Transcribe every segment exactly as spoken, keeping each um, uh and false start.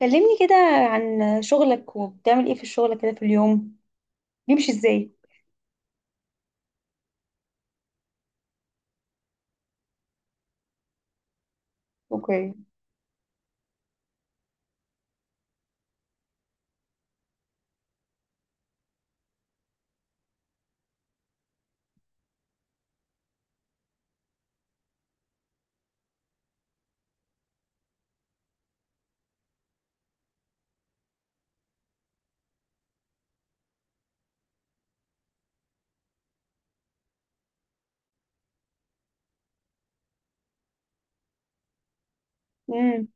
كلمني كده عن شغلك وبتعمل ايه في الشغل كده في اليوم. بيمشي ازاي؟ اوكي. امم.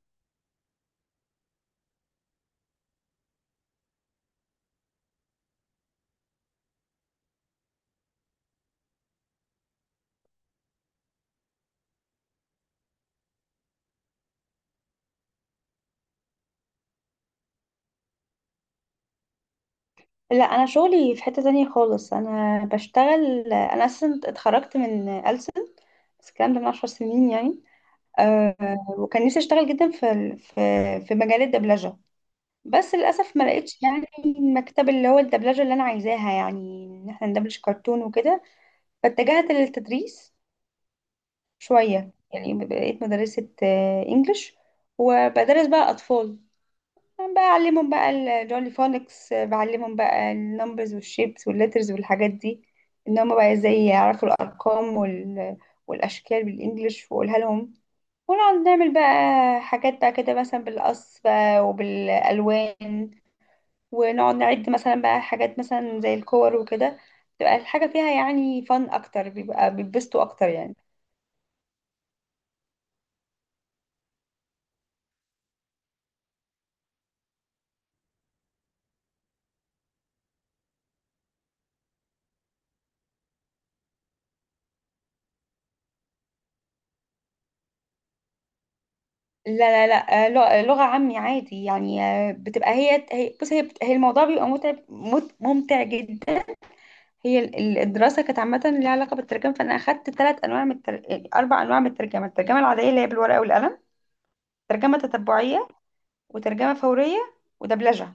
لا، انا شغلي في حتة تانية خالص. انا بشتغل، انا اصلا اتخرجت من ألسن بس الكلام ده من عشر سنين يعني. أه، وكان نفسي اشتغل جدا في ال- في في مجال الدبلجة، بس للاسف ما لقيتش يعني المكتب اللي هو الدبلجة اللي انا عايزاها، يعني ان احنا ندبلج كرتون وكده. فاتجهت للتدريس شوية يعني، بقيت مدرسة آه، انجليش وبدرس بقى أطفال. أنا بقى أعلمهم بقى الجولي فونكس، بعلمهم بقى النمبرز والشيبس والليترز والحاجات دي. إن هما بقى إزاي يعرفوا الأرقام وال... والأشكال بالإنجليش وأقولها لهم. ونقعد نعمل بقى حاجات بقى كده، مثلا بالقص بقى وبالألوان. ونقعد نعد مثلا بقى حاجات مثلا زي الكور وكده. تبقى الحاجة فيها يعني فن أكتر، بيبقى بيتبسطوا أكتر يعني. لا، لا، لا، آه، لغ- آه، لغة عامي عادي يعني. آه، بتبقى هي هي- بص، هي بت- هي الموضوع بيبقى متعب مت- ممتع جدا. هي ال- ال- الدراسة كانت عامة ليها علاقة بالترجمة. فأنا أخدت ثلاث أنواع من التر... آه، أربع أنواع من الترجمة: الترجمة العادية اللي هي بالورقة والقلم، ترجمة تتبعية، وترجمة فورية، ودبلجة.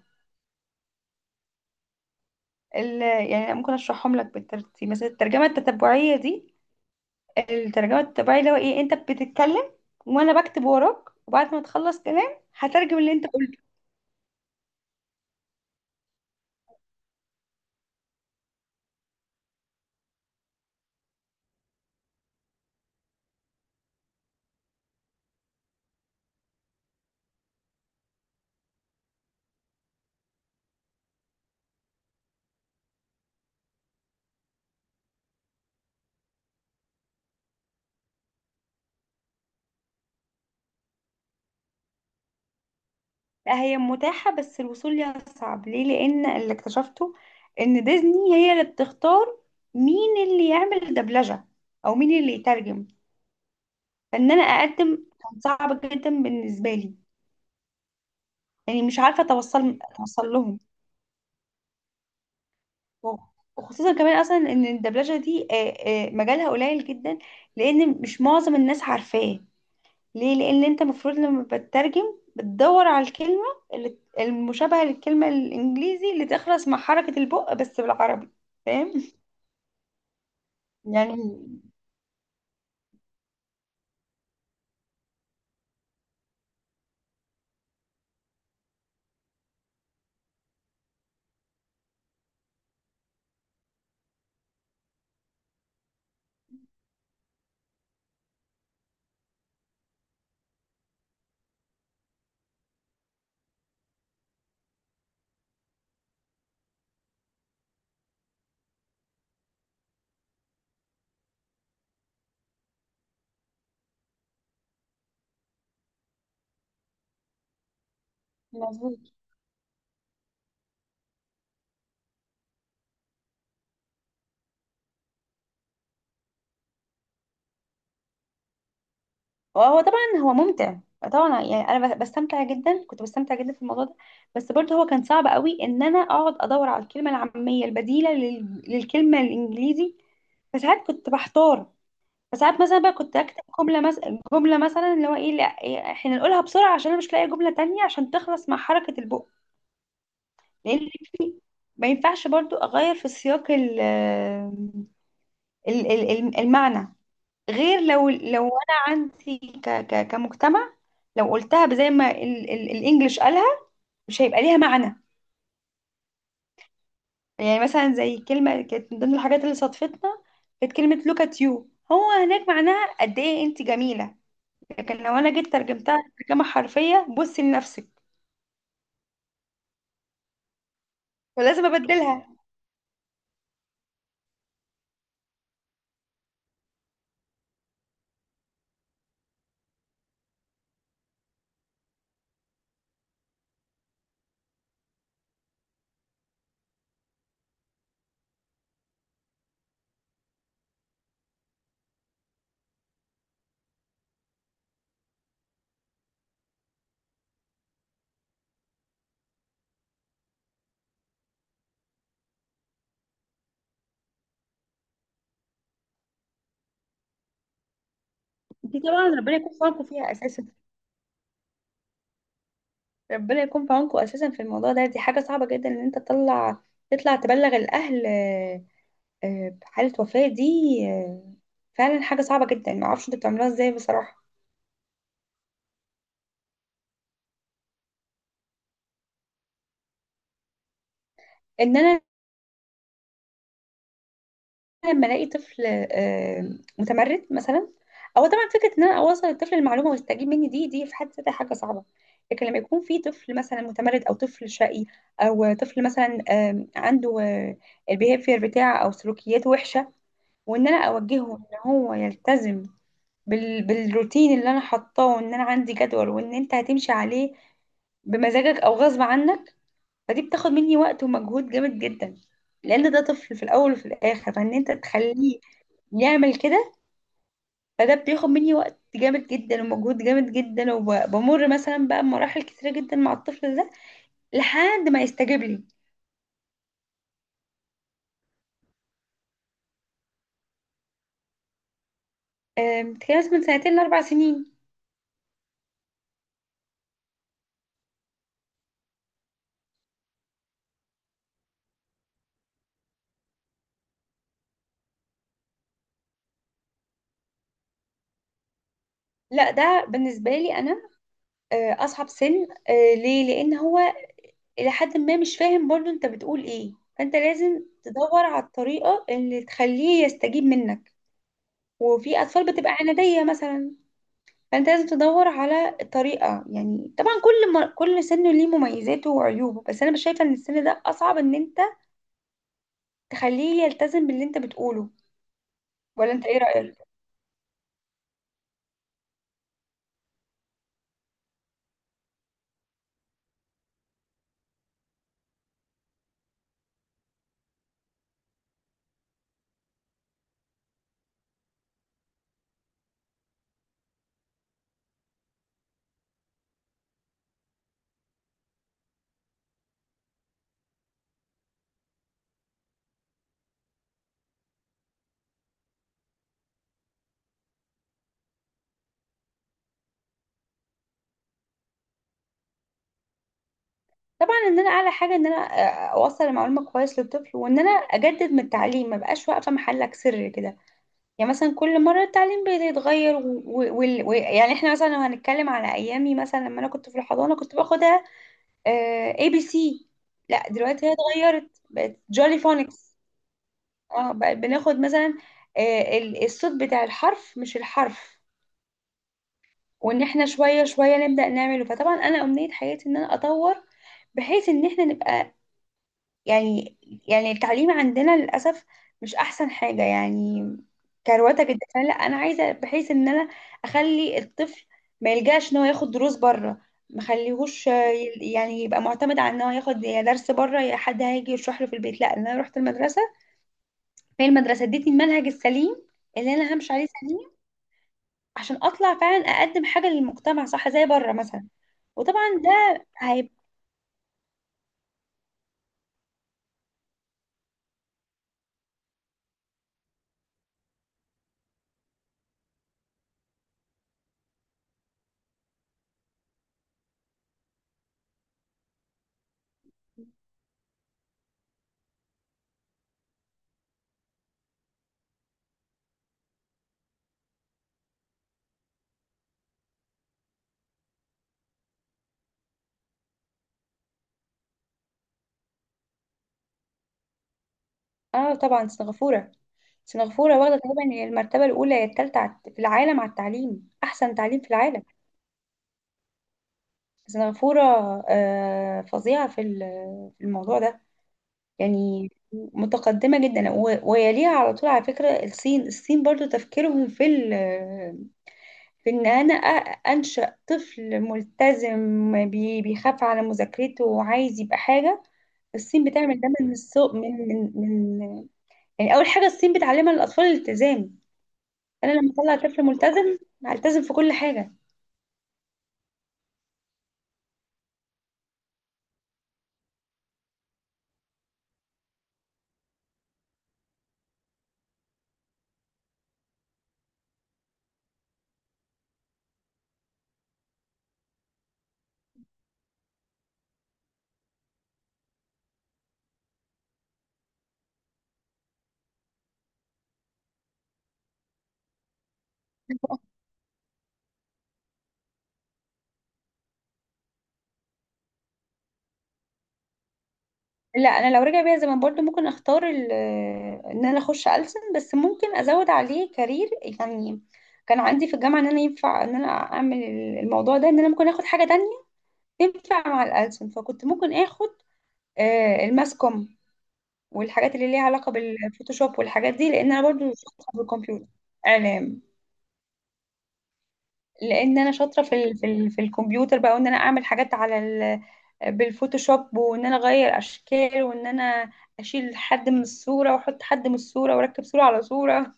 ال... يعني أنا ممكن أشرحهم لك بالترتيب. مثلا الترجمة التتبعية دي، الترجمة التتبعية اللي هو إيه، أنت بتتكلم وأنا بكتب وراك، وبعد ما تخلص كلام هترجم اللي أنت. لا، هي متاحة بس الوصول ليها صعب. ليه؟ لأن اللي اكتشفته إن ديزني هي اللي بتختار مين اللي يعمل دبلجة أو مين اللي يترجم. فإن أنا أقدم كان صعب جدا بالنسبة لي. يعني مش عارفة أتوصل أتوصل لهم. وخصوصا كمان أصلا إن الدبلجة دي، آه، آه، مجالها قليل جدا، لأن مش معظم الناس عارفاه. ليه؟ لان انت المفروض لما بتترجم، بتدور على الكلمه اللي المشابهه للكلمه الانجليزي اللي تخلص مع حركه البق بس بالعربي. فاهم؟ يعني مظبوط. وهو طبعا هو ممتع، طبعا. يعني انا بستمتع جدا، كنت بستمتع جدا في الموضوع ده. بس برضه هو كان صعب قوي ان انا اقعد ادور على الكلمه العاميه البديله لل... للكلمه الانجليزي. فساعات كنت بحتار. فساعات مثلا بقى كنت اكتب جمله، مثلا جمله، مثلا اللي هو ايه، لا إيه، احنا نقولها بسرعه عشان انا مش لاقيه جمله تانية عشان تخلص مع حركه البق. لان في ما ينفعش برضو اغير في سياق ال ال- ال- ال- المعنى، غير لو لو انا عندي ك ك كمجتمع. لو قلتها زي ما ال- ال- الانجليش قالها، مش هيبقى ليها معنى. يعني مثلا زي كلمه كانت من ضمن الحاجات اللي صادفتنا، كانت كلمه look at you. هو هناك معناها قد ايه انت جميله. لكن لو انا جيت ترجمتها ترجمه حرفيه، بصي لنفسك. ولازم ابدلها. دي طبعا ربنا يكون في عونكم فيها اساسا. ربنا يكون في عونكم اساسا في الموضوع ده، دي حاجه صعبه جدا ان انت تطلع تطلع تبلغ الاهل آه، آه، بحاله وفاه دي. آه، فعلا حاجه صعبه جدا، ما اعرفش انتوا بتعملوها ازاي بصراحه. ان انا لما الاقي طفل آه، متمرد مثلا، او طبعا فكره ان انا اوصل الطفل المعلومه ويستجيب مني دي دي في حد ذاتها حاجه صعبه. لكن لما يكون في طفل مثلا متمرد او طفل شقي، او طفل مثلا آه، عنده البيهيفير بتاعه او سلوكياته وحشه، وان انا اوجهه ان هو يلتزم بال- بالروتين اللي انا حطاه، وان انا عندي جدول وان انت هتمشي عليه بمزاجك او غصب عنك. فدي بتاخد مني وقت ومجهود جامد جدا، لان ده طفل في الاول وفي الاخر، فان انت تخليه يعمل كده. فده بياخد مني وقت جامد جدا ومجهود جامد جدا، وبمر مثلا بقى بمراحل كتيرة جدا مع الطفل ده لحد ما يستجيب لي. أم، بتتكلم مثلا من سنتين لأربع سنين. لا، ده بالنسبة لي أنا أه، أصعب سن. أه، ليه؟ لأن هو إلى حد ما مش فاهم برضو أنت بتقول إيه، فأنت لازم تدور على الطريقة اللي تخليه يستجيب منك. وفي أطفال بتبقى عنادية مثلا. فانت لازم تدور على طريقه. يعني طبعا كل ما كل سن ليه مميزاته وعيوبه، بس انا مش شايفه ان السن ده اصعب ان انت تخليه يلتزم باللي انت بتقوله. ولا انت ايه رايك؟ طبعا ان انا اعلى حاجه ان انا آه، اوصل المعلومه كويس للطفل، وان انا اجدد من التعليم، ما بقاش واقفه محلك سر كده. يعني مثلا كل مره التعليم بيتغير و... و... وال- و... يعني احنا مثلا لو هنتكلم على ايامي، مثلا لما انا كنت في الحضانه كنت باخدها اي بي سي. لا دلوقتي هي اتغيرت، بقت جولي فونكس. اه، بقى بناخد مثلا آه، ال- الصوت بتاع الحرف مش الحرف. وان احنا شوية شوية نبدأ نعمله. فطبعا انا امنية حياتي ان انا اطور، بحيث ان احنا نبقى يعني. يعني التعليم عندنا للأسف مش احسن حاجة يعني، كروته جدا. لا، انا عايزة بحيث ان انا اخلي الطفل ما يلجاش ان هو ياخد دروس بره. مخليهوش آه، يعني يبقى معتمد على ان هو ياخد يا درس بره يا حد هيجي يشرح له في البيت. لا إن انا رحت المدرسة، فهي المدرسة ادتني المنهج السليم اللي انا همشي عليه سليم، عشان اطلع فعلا اقدم حاجة للمجتمع صح زي بره مثلا. وطبعا ده هيبقى. اه، طبعا سنغافورة. سنغافورة واخدة تقريبا المرتبة الأولى يا التالتة عت- في العالم على التعليم، أحسن تعليم في العالم. سنغافورة آه، فظيعة في ال- في الموضوع ده، يعني متقدمة جدا و- ويليها على طول، على فكرة الصين. الصين برضو تفكيرهم في ال- في ان انا أ- انشأ طفل ملتزم بي- بيخاف على مذاكرته وعايز يبقى حاجة. الصين بتعمل ده من السوق، من من من يعني اول حاجة الصين بتعلمها للاطفال الالتزام. انا لما اطلع طفل ملتزم، هلتزم في كل حاجة. لا، انا لو رجع بيا زمان برضو ممكن اختار ال- ان انا اخش ألسن، بس ممكن ازود عليه كارير. يعني كان عندي في الجامعه ان انا ينفع ان انا اعمل الموضوع ده، ان انا ممكن اخد حاجه تانية تنفع مع الألسن. فكنت ممكن اخد آه، الماس كوم والحاجات اللي ليها علاقة بالفوتوشوب والحاجات دي، لان انا برضو شاطرة في الكمبيوتر. اعلام. لان انا شاطرة في ال في, ال في الكمبيوتر بقى، وان انا اعمل حاجات على ال بالفوتوشوب، وان انا اغير اشكال، وان انا اشيل حد من الصورة واحط حد من الصورة واركب صورة على صورة،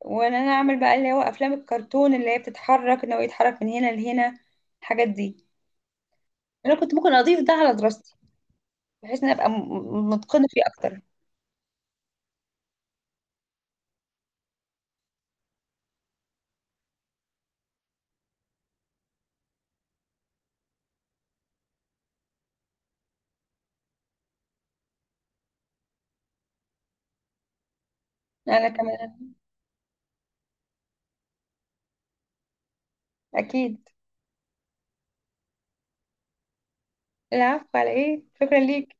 وان انا اعمل بقى اللي هو افلام الكرتون اللي هي بتتحرك، ان هو يتحرك من هنا لهنا الحاجات دي. انا كنت ممكن اضيف ده على دراستي، بحيث ان ابقى م- م- متقنة فيه اكتر. انا كمان. اكيد. العفو، على ايه، شكرا ليك.